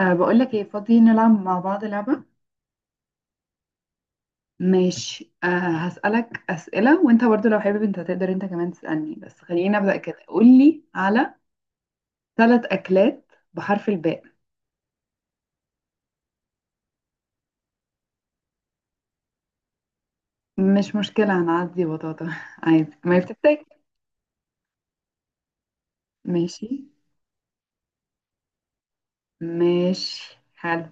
أه بقول لك ايه، فاضي نلعب مع بعض لعبة. ماشي أه. هسألك أسئلة، وانت برضو لو حابب انت تقدر انت كمان تسألني، بس خلينا نبدأ كده. قول لي على ثلاث أكلات بحرف الباء. مش مشكلة، هنعدي بطاطا عادي، ما بتحتاج. ماشي، ماشي، حلو.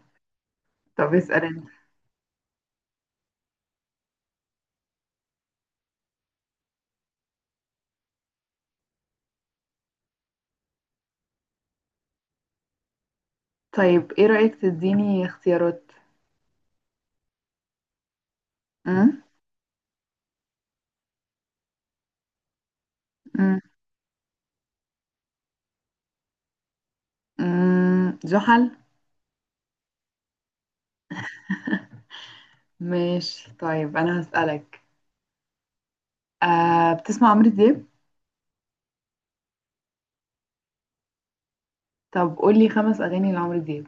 طب اسأل انت. طيب، ايه رأيك تديني اختيارات؟ أم؟ أم؟ زحل. ماشي، طيب انا هسألك. أه، بتسمع عمرو دياب؟ طب قول لي خمس أغاني لعمرو دياب،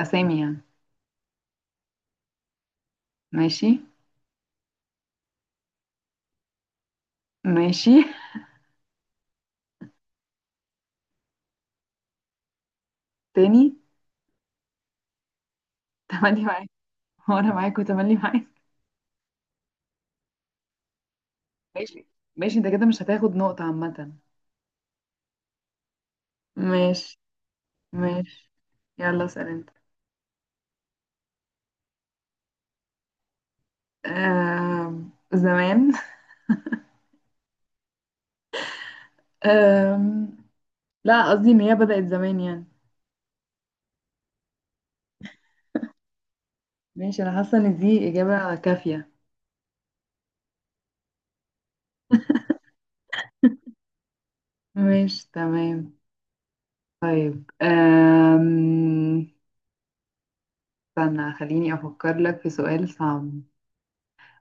أسامي يعني. ماشي. ماشي. تاني؟ تملي معاك، وأنا معاك، وتملي معاك. ماشي. ماشي، أنت كده مش هتاخد نقطة عامة. ماشي. ماشي، يلا اسأل أنت. زمان. آم... لا، قصدي إن هي بدأت زمان يعني. ماشي، أنا حاسة إن دي إجابة كافية. ماشي، تمام. طيب، استنى، خليني أفكر لك في سؤال صعب.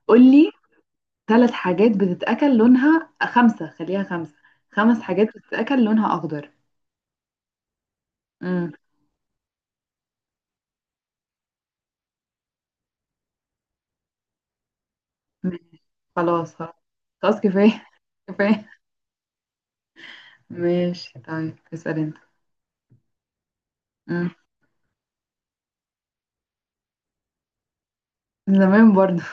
قولي. ثلاث حاجات بتتأكل لونها خمسة، خليها خمسة. خمس حاجات بتتأكل لونها أخضر. امم ماشي. خلاص، خلاص، خلاص كفاية. كفاية. ماشي. طيب اسأل انت. امم زمان برضه.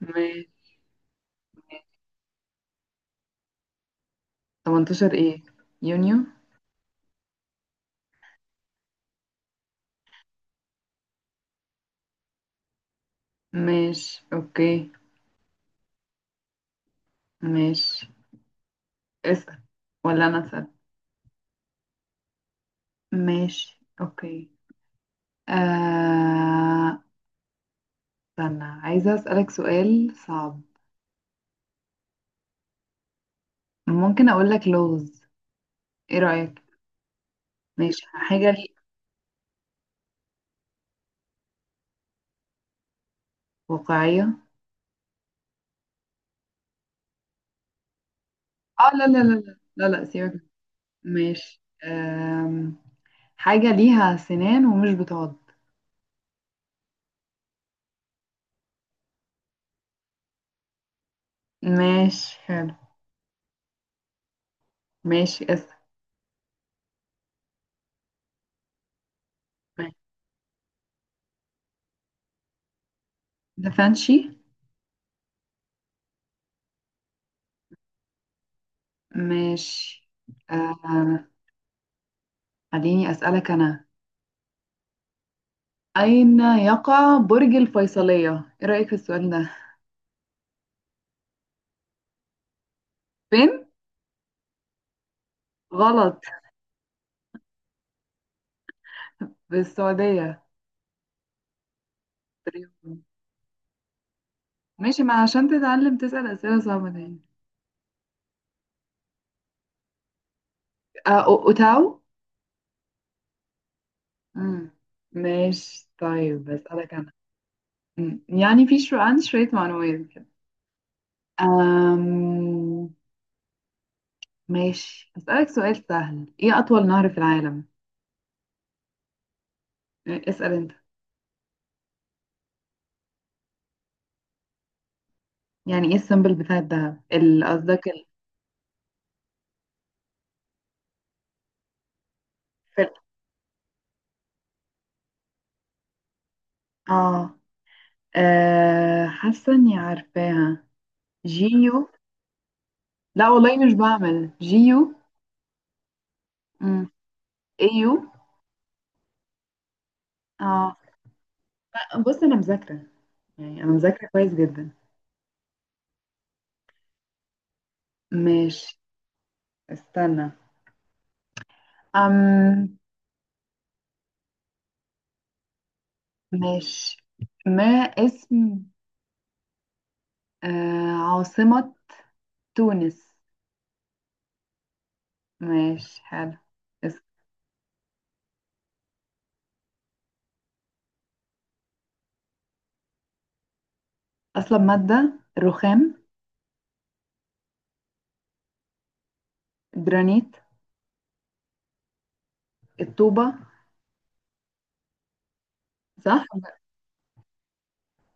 ماشي. 18 ايه؟ يونيو؟ ماشي، اوكي. ماشي، اسأل. ولا انا اسأل؟ ماشي، اوكي. آه... استنى، عايزة اسألك سؤال صعب. ممكن اقول لك لغز؟ ايه رأيك؟ ماشي، حاجة واقعية. اه، لا لا لا لا لا لا، سيبك. ماشي. حاجة ليها سنان ومش بتعض. ماشي، حلو. ماشي، اسأل. ماشي. دافنشي. ماشي. أم... خليني أسألك أنا. أين يقع برج الفيصلية؟ إيه رأيك في السؤال ده؟ فين؟ غلط. في السعودية تقريباً. ماشي، ما عشان تتعلم تسأل أسئلة صعبة دي. أه، أوتاو؟ مم. ماشي. طيب، بسألك أنا. يعني في شو عندي شوية معلومات كده. أم... ماشي، أسألك سؤال سهل. إيه أطول نهر في العالم؟ اسأل أنت. يعني إيه السيمبل بتاع الدهب؟ قصدك الفرق. آه آه، حاسة إني عارفاها. جيو. لا والله، مش بعمل جيو. مم. إيو. آه. لأ، بص أنا مذاكرة، يعني أنا مذاكرة كويس جدا. ماشي، استنى. أم ماشي. ما اسم عاصمة تونس؟ ماشي، حلو. اس- أصل مادة الرخام. الجرانيت. الطوبة. صح؟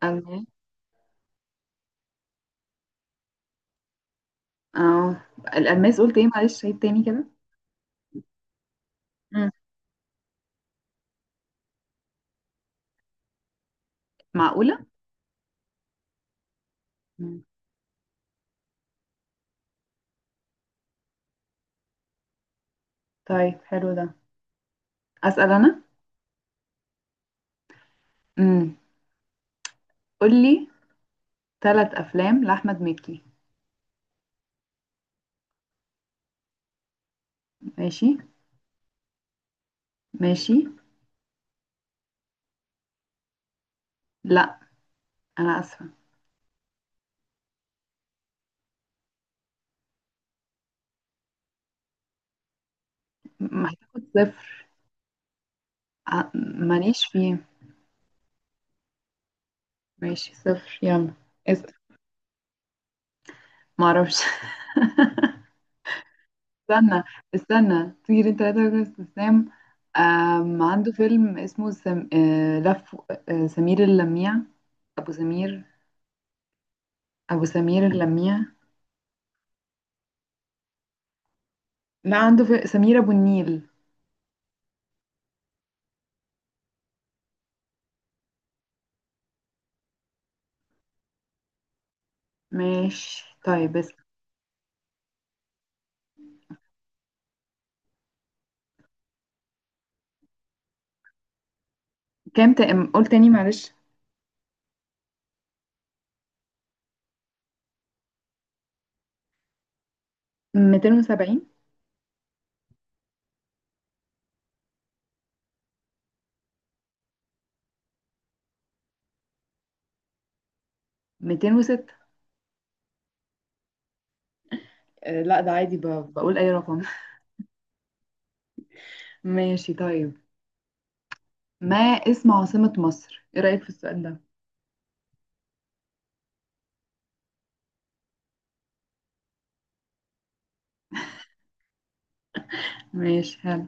ألماس. اه، الألماس قلت ايه؟ معلش عيد تاني كده. مم. معقولة؟ مم. طيب، حلو ده. أسأل أنا. مم. قولي. ثلاث أفلام لأحمد مكي. ماشي. ماشي، لا أنا آسفة. هتاخد صفر. ماليش فيه. ماشي، صفر يلا. اسأل. معرفش. استنى، استنى طير انت، لا تركز ابتسام. عنده فيلم اسمه سم... آه، لف. سمير اللميع. ابو سمير ابو سمير اللميع. لا، عنده سمير ابو النيل. ماشي، طيب بس. كام؟ قول تاني معلش. 270، 206. لا، ده عادي بقول اي رقم. ماشي. طيب، ما اسم عاصمة مصر؟ ايه رأيك في السؤال ده؟ ماشي، حلو.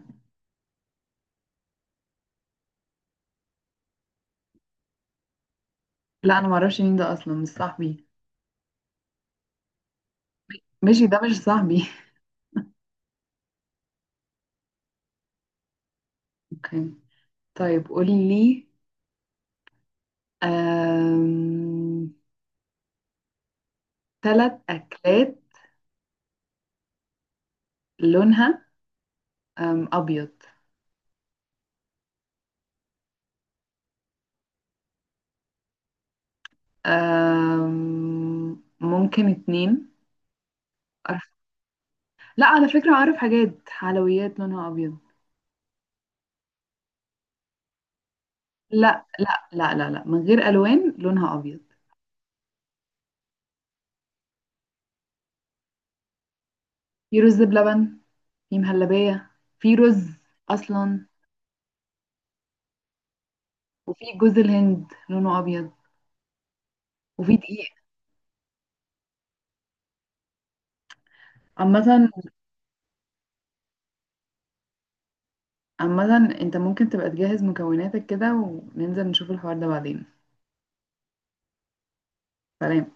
لا، انا معرفش مين ده اصلا، مش صاحبي. ماشي. ده مش صاحبي. اوكي. طيب قولي لي ثلاث أكلات لونها أبيض. ممكن اتنين. أعرف- لا، على فكرة أعرف حاجات حلويات لونها أبيض. لا لا لا لا لا، من غير ألوان، لونها أبيض. في رز بلبن. في مهلبية. في رز أصلا. وفي جوز الهند لونه أبيض. وفي دقيق عامة. عامة انت ممكن تبقى تجهز مكوناتك كده، وننزل نشوف الحوار ده بعدين. سلام.